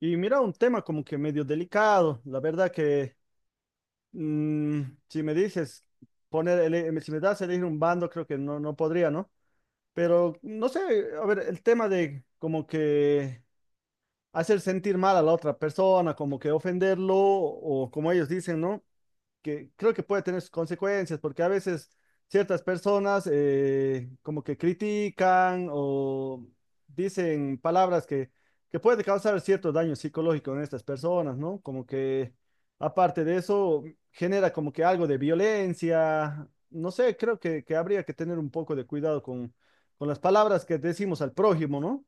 Y mira, un tema como que medio delicado. La verdad que mm, si me dices si me das a elegir un bando, creo que no podría, ¿no? Pero no sé, a ver, el tema de como que hacer sentir mal a la otra persona, como que ofenderlo, o como ellos dicen, ¿no? Que creo que puede tener sus consecuencias, porque a veces ciertas personas como que critican o dicen palabras que puede causar cierto daño psicológico en estas personas, ¿no? Como que aparte de eso genera como que algo de violencia, no sé, creo que habría que tener un poco de cuidado con las palabras que decimos al prójimo, ¿no?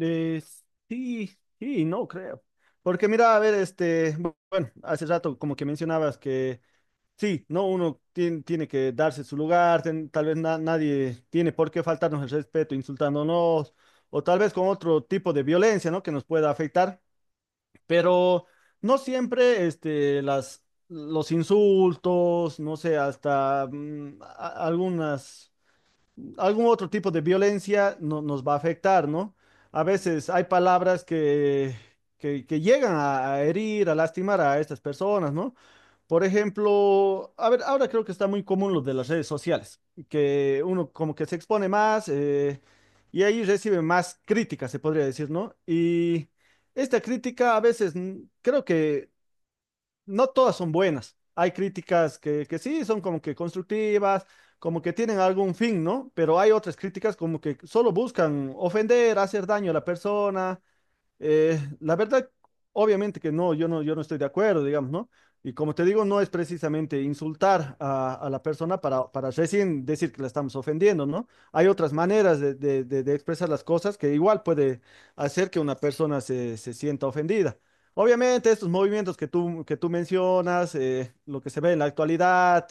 Eh, sí, sí, no creo. Porque mira, a ver, este, bueno, hace rato como que mencionabas que sí, no, uno tiene que darse su lugar, tal vez nadie tiene por qué faltarnos el respeto insultándonos o tal vez con otro tipo de violencia, ¿no? Que nos pueda afectar, pero no siempre este, los insultos, no sé, hasta algunas, algún otro tipo de violencia nos va a afectar, ¿no? A veces hay palabras que llegan a herir, a lastimar a estas personas, ¿no? Por ejemplo, a ver, ahora creo que está muy común lo de las redes sociales, que uno como que se expone más y ahí recibe más críticas, se podría decir, ¿no? Y esta crítica a veces creo que no todas son buenas. Hay críticas que sí son como que constructivas, como que tienen algún fin, ¿no? Pero hay otras críticas como que solo buscan ofender, hacer daño a la persona. La verdad, obviamente que no, yo no estoy de acuerdo, digamos, ¿no? Y como te digo, no es precisamente insultar a la persona para recién decir que la estamos ofendiendo, ¿no? Hay otras maneras de expresar las cosas que igual puede hacer que una persona se sienta ofendida. Obviamente, estos movimientos que tú mencionas, lo que se ve en la actualidad,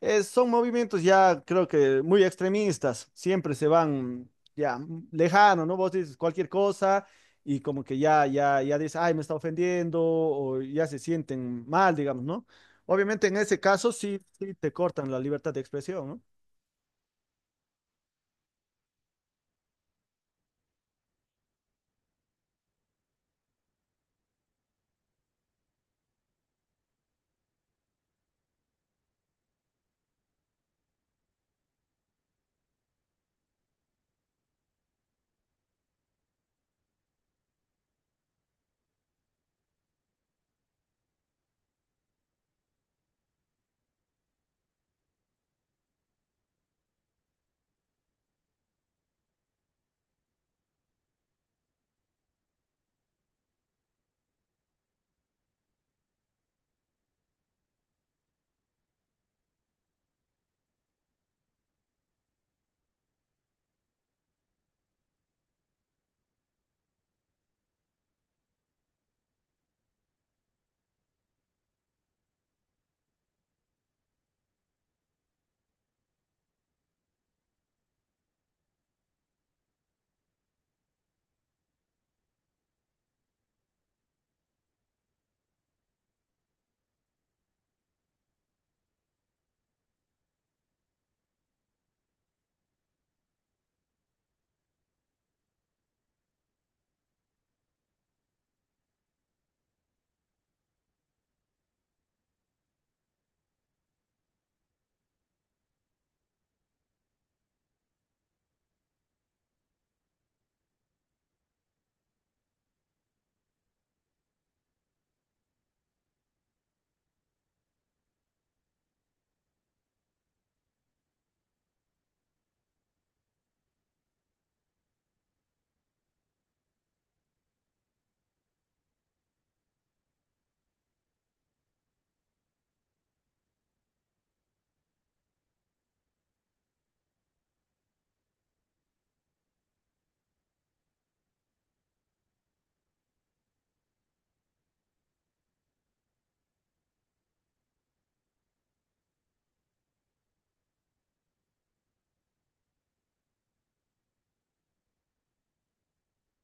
son movimientos ya creo que muy extremistas, siempre se van ya lejano, ¿no? Vos dices cualquier cosa y como que ya dices, ay, me está ofendiendo o ya se sienten mal, digamos, ¿no? Obviamente en ese caso sí, sí te cortan la libertad de expresión, ¿no?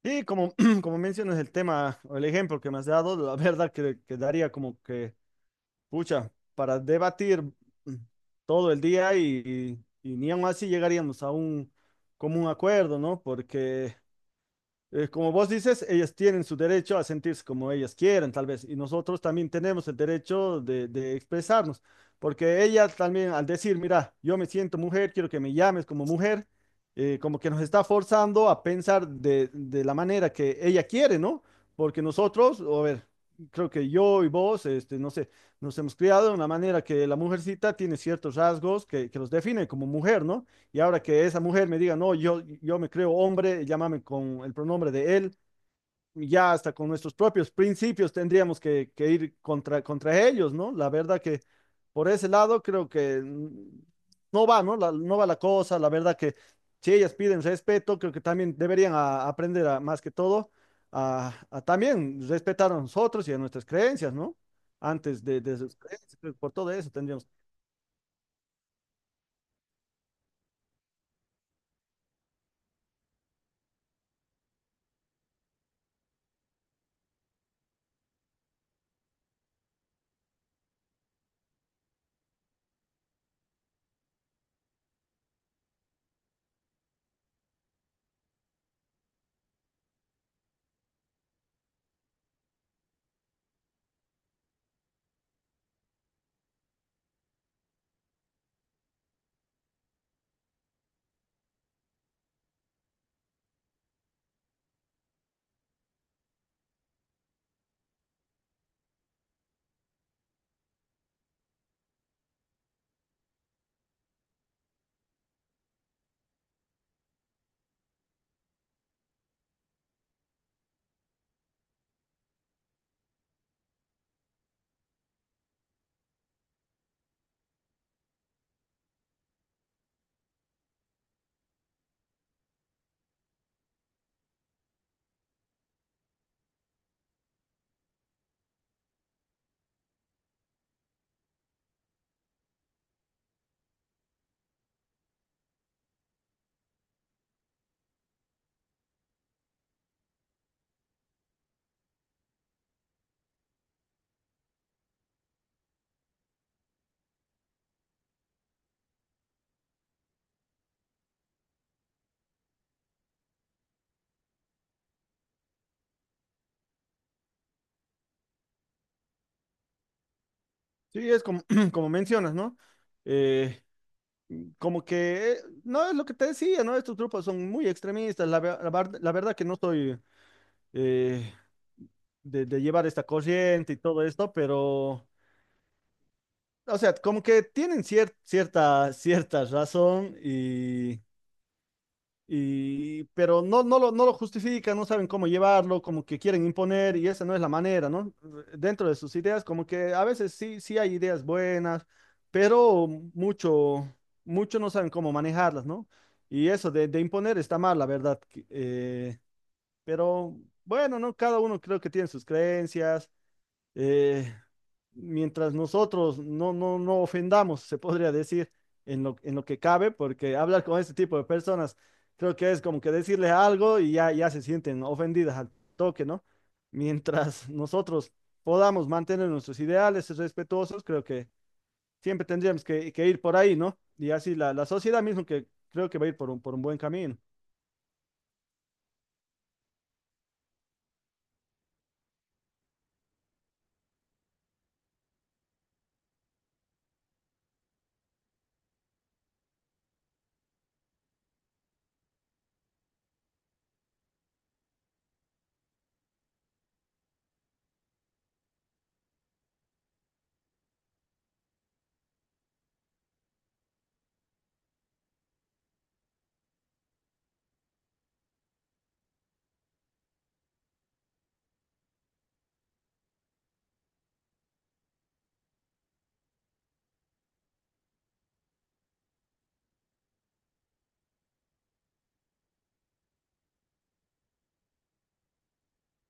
Y como, como mencionas el tema o el ejemplo que me has dado, la verdad que daría como que, pucha, para debatir mm, todo el día y ni aun así llegaríamos a un común acuerdo, ¿no? Porque como vos dices, ellas tienen su derecho a sentirse como ellas quieran, tal vez, y nosotros también tenemos el derecho de expresarnos, porque ellas también al decir, mira, yo me siento mujer, quiero que me llames como mujer, como que nos está forzando a pensar de la manera que ella quiere, ¿no? Porque nosotros, a ver, creo que yo y vos, este, no sé, nos hemos criado de una manera que la mujercita tiene ciertos rasgos que los define como mujer, ¿no? Y ahora que esa mujer me diga, no, yo me creo hombre, llámame con el pronombre de él, ya hasta con nuestros propios principios tendríamos que ir contra ellos, ¿no? La verdad que por ese lado creo que no va, ¿no? No va la cosa, la verdad que si ellas piden respeto, creo que también deberían aprender más que todo a también respetar a nosotros y a nuestras creencias, ¿no? Antes de sus creencias, por todo eso tendríamos. Sí, es como, como mencionas, ¿no? Eh, Como que, no es lo que te decía, ¿no? Estos grupos son muy extremistas, la verdad que no estoy eh, de llevar esta corriente y todo esto, pero, o sea, como que tienen cierta, cierta razón y... Y, pero no lo justifican, no saben cómo llevarlo, como que quieren imponer y esa no es la manera, ¿no? Dentro de sus ideas, como que a veces sí, sí hay ideas buenas, pero mucho, mucho no saben cómo manejarlas, ¿no? Y eso de imponer está mal, la verdad. Pero bueno, ¿no? Cada uno creo que tiene sus creencias. eh, Mientras nosotros no ofendamos, se podría decir, en en lo que cabe, porque hablar con este tipo de personas, creo que es como que decirles algo y ya se sienten ofendidas al toque, ¿no? Mientras nosotros podamos mantener nuestros ideales respetuosos, creo que siempre tendríamos que ir por ahí, ¿no? Y así la sociedad mismo que creo que va a ir por por un buen camino.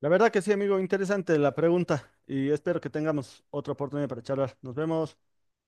La verdad que sí, amigo, interesante la pregunta y espero que tengamos otra oportunidad para charlar. Nos vemos.